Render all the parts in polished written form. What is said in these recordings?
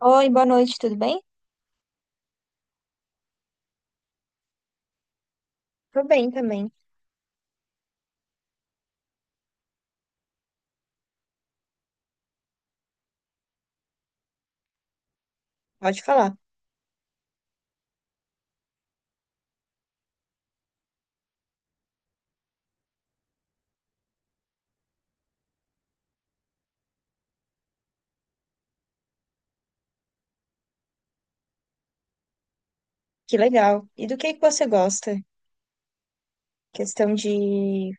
Oi, boa noite, tudo bem? Tô bem também. Pode falar. Que legal. E do que você gosta? Questão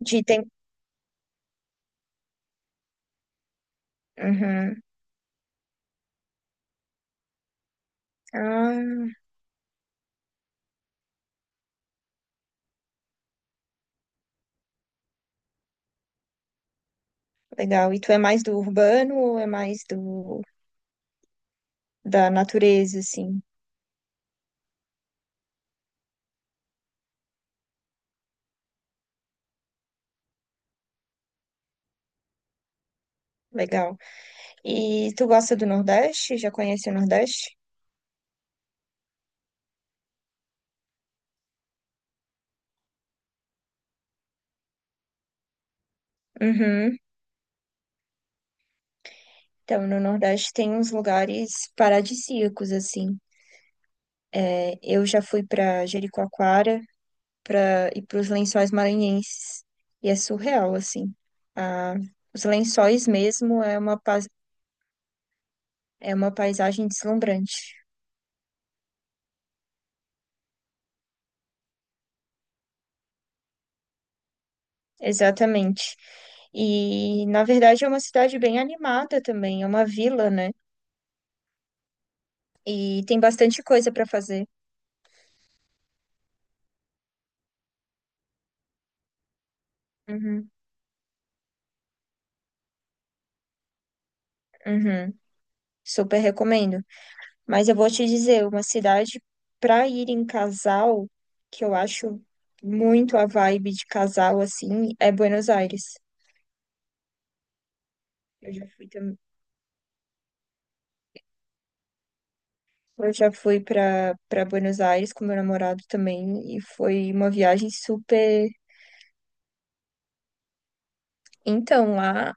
de tem... Uhum. Ah, legal. E tu é mais do urbano ou é mais do da natureza, assim? Legal. E tu gosta do Nordeste? Já conhece o Nordeste? Uhum. Então, no Nordeste tem uns lugares paradisíacos, assim. É, eu já fui para Jericoacoara, para ir para os Lençóis Maranhenses. E é surreal, assim. Ah, os Lençóis mesmo é é uma paisagem deslumbrante. Exatamente. E, na verdade, é uma cidade bem animada também, é uma vila, né? E tem bastante coisa para fazer. Uhum, uhum. Super recomendo. Mas eu vou te dizer, uma cidade para ir em casal, que eu acho muito a vibe de casal, assim, é Buenos Aires. Eu já fui também. Eu já fui para Buenos Aires com meu namorado também e foi uma viagem super. Então, lá,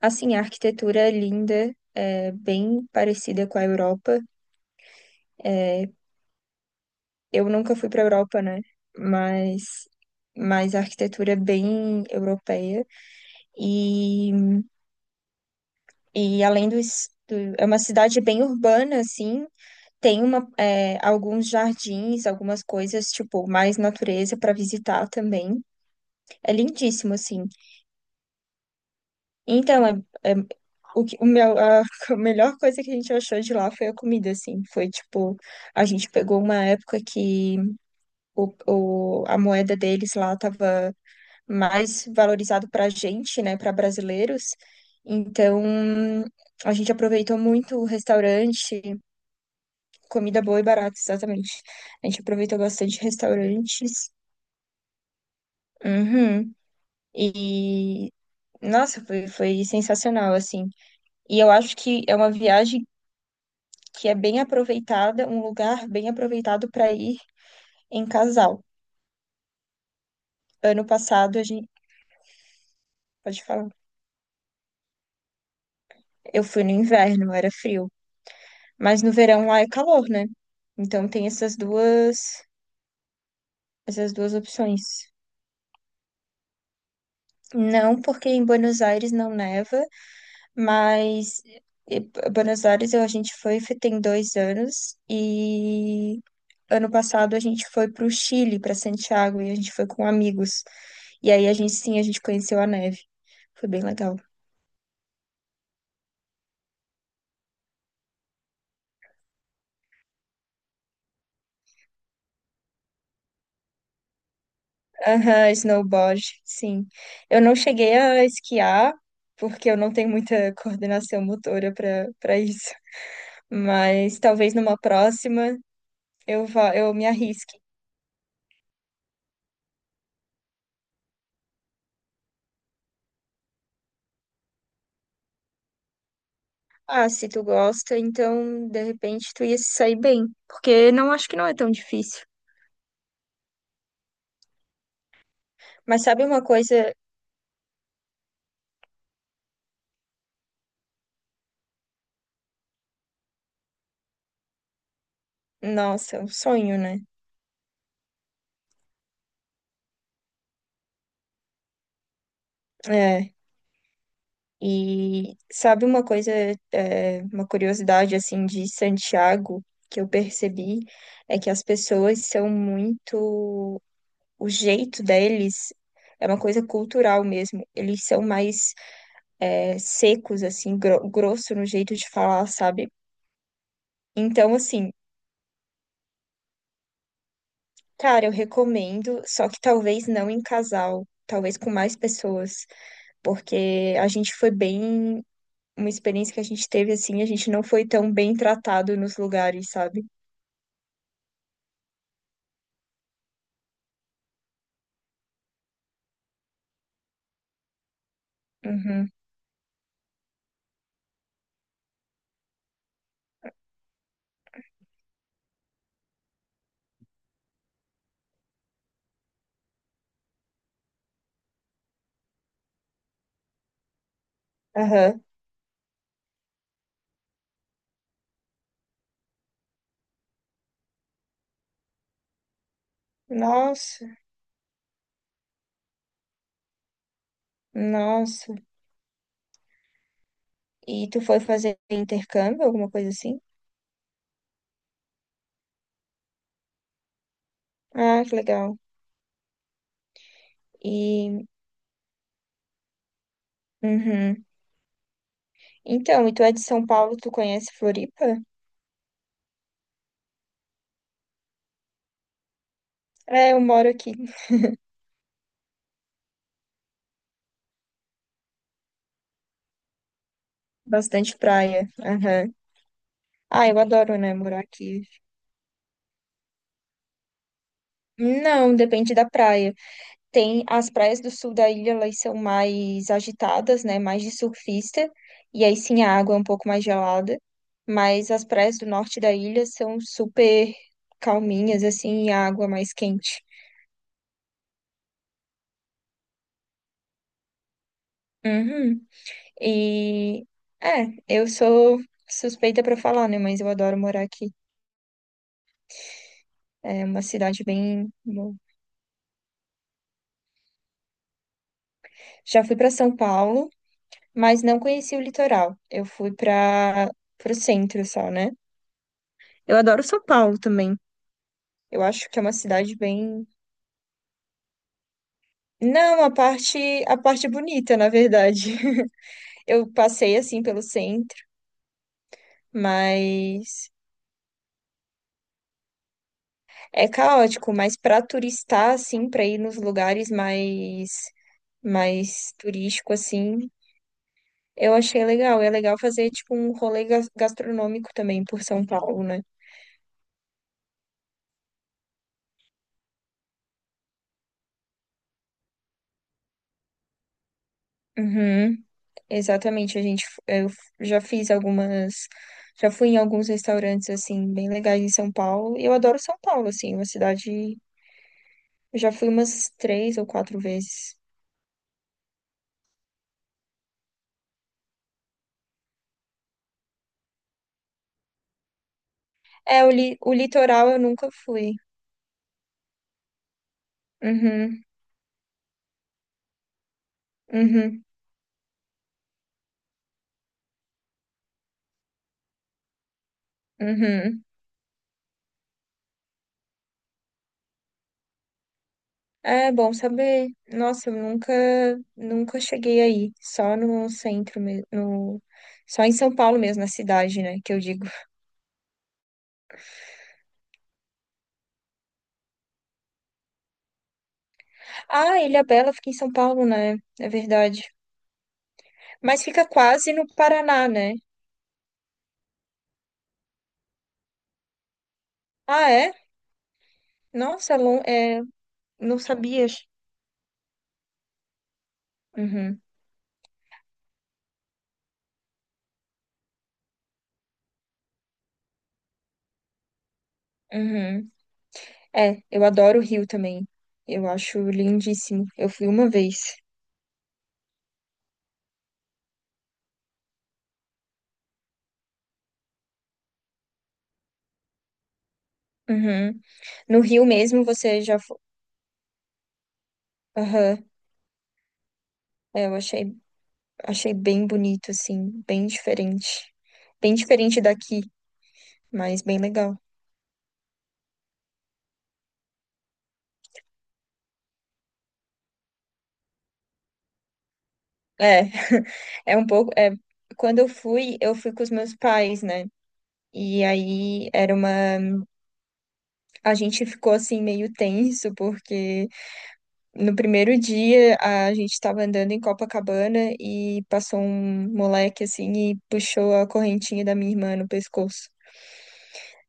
assim, a arquitetura é linda, é bem parecida com a Europa. É, eu nunca fui para a Europa, né? Mas, mas a arquitetura é bem europeia e, é uma cidade bem urbana, assim. Tem uma, é, alguns jardins, algumas coisas, tipo, mais natureza para visitar também. É lindíssimo, assim. Então, é- é- o que, o meu, a a melhor coisa que a gente achou de lá foi a comida, assim. Foi tipo, a gente pegou uma época que a moeda deles lá tava mais valorizado pra gente, né, pra brasileiros. Então, a gente aproveitou muito o restaurante, comida boa e barata, exatamente. A gente aproveitou bastante restaurantes. Uhum. E, nossa, foi sensacional, assim. E eu acho que é uma viagem que é bem aproveitada, um lugar bem aproveitado para ir em casal. Ano passado a gente, pode falar, eu fui no inverno, era frio, mas no verão lá é calor, né? Então essas duas opções. Não porque em Buenos Aires não neva, mas eh, Buenos Aires a gente foi tem dois anos e ano passado a gente foi para o Chile, para Santiago e a gente foi com amigos. E aí a gente sim, a gente conheceu a neve. Foi bem legal. Aham, snowboard, sim. Eu não cheguei a esquiar, porque eu não tenho muita coordenação motora para isso. Mas talvez numa próxima eu vá, eu me arrisque. Ah, se tu gosta, então de repente tu ia se sair bem, porque não acho que não é tão difícil. Mas sabe uma coisa? Nossa, é um sonho, né? É. E sabe uma coisa, é, uma curiosidade assim de Santiago que eu percebi é que as pessoas são muito, o jeito deles é uma coisa cultural mesmo. Eles são mais é, secos assim, grosso no jeito de falar, sabe? Então assim, cara, eu recomendo, só que talvez não em casal, talvez com mais pessoas, porque a gente foi bem uma experiência que a gente teve assim, a gente não foi tão bem tratado nos lugares, sabe? Uhum. Aham. Nossa, nossa. E tu foi fazer intercâmbio, alguma coisa assim? Ah, que legal. E, uhum. Então, e tu é de São Paulo, tu conhece Floripa? É, eu moro aqui, bastante praia. Aham. Ah, eu adoro, né, morar aqui. Não, depende da praia. Tem as praias do sul da ilha, elas são mais agitadas, né? Mais de surfista. E aí sim a água é um pouco mais gelada. Mas as praias do norte da ilha são super calminhas, assim, e a água é mais quente. Uhum. E é, eu sou suspeita para falar, né? Mas eu adoro morar aqui. É uma cidade bem boa. Já fui para São Paulo, mas não conheci o litoral. Eu fui para o centro só, né? Eu adoro São Paulo também. Eu acho que é uma cidade bem. Não, a parte bonita, na verdade. Eu passei assim pelo centro, mas é caótico, mas para turistar assim, para ir nos lugares mais turístico assim, eu achei legal. É legal fazer tipo um rolê gastronômico também por São Paulo, né? Uhum, exatamente, a gente f- eu f- já fiz algumas já fui em alguns restaurantes assim bem legais em São Paulo. Eu adoro São Paulo assim, uma cidade. Eu já fui umas três ou quatro vezes. O litoral eu nunca fui. Uhum, uhum, uhum. É bom saber. Nossa, eu nunca, nunca cheguei aí. Só no centro mesmo. No... Só em São Paulo mesmo, na cidade, né? Que eu digo. Ah, Ilhabela fica em São Paulo, né? É verdade. Mas fica quase no Paraná, né? Ah, é? Nossa, é lon- é... não sabia. Uhum, uhum. É, eu adoro o Rio também. Eu acho lindíssimo. Eu fui uma vez. Uhum. No Rio mesmo você já foi. Aham. É, eu achei, achei bem bonito, assim, bem diferente. Bem diferente daqui, mas bem legal. É, é um pouco. É, quando eu fui com os meus pais, né? E aí era uma. A gente ficou assim meio tenso, porque no primeiro dia, a gente estava andando em Copacabana e passou um moleque assim e puxou a correntinha da minha irmã no pescoço.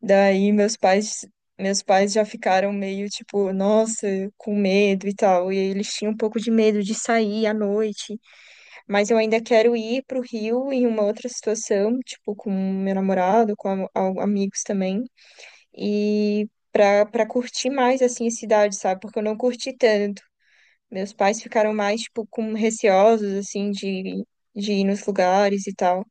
Daí meus pais, meus pais já ficaram meio tipo, nossa, com medo e tal. E eles tinham um pouco de medo de sair à noite, mas eu ainda quero ir pro Rio em uma outra situação, tipo com meu namorado, com amigos também. E para curtir mais assim a cidade, sabe? Porque eu não curti tanto. Meus pais ficaram mais, tipo, com receosos, assim, de ir nos lugares e tal.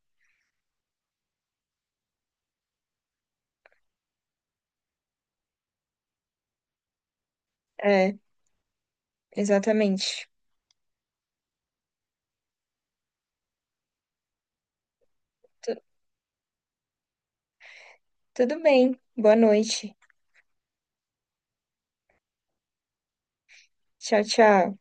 É, exatamente. Tu- tudo bem. Boa noite. Tchau, tchau.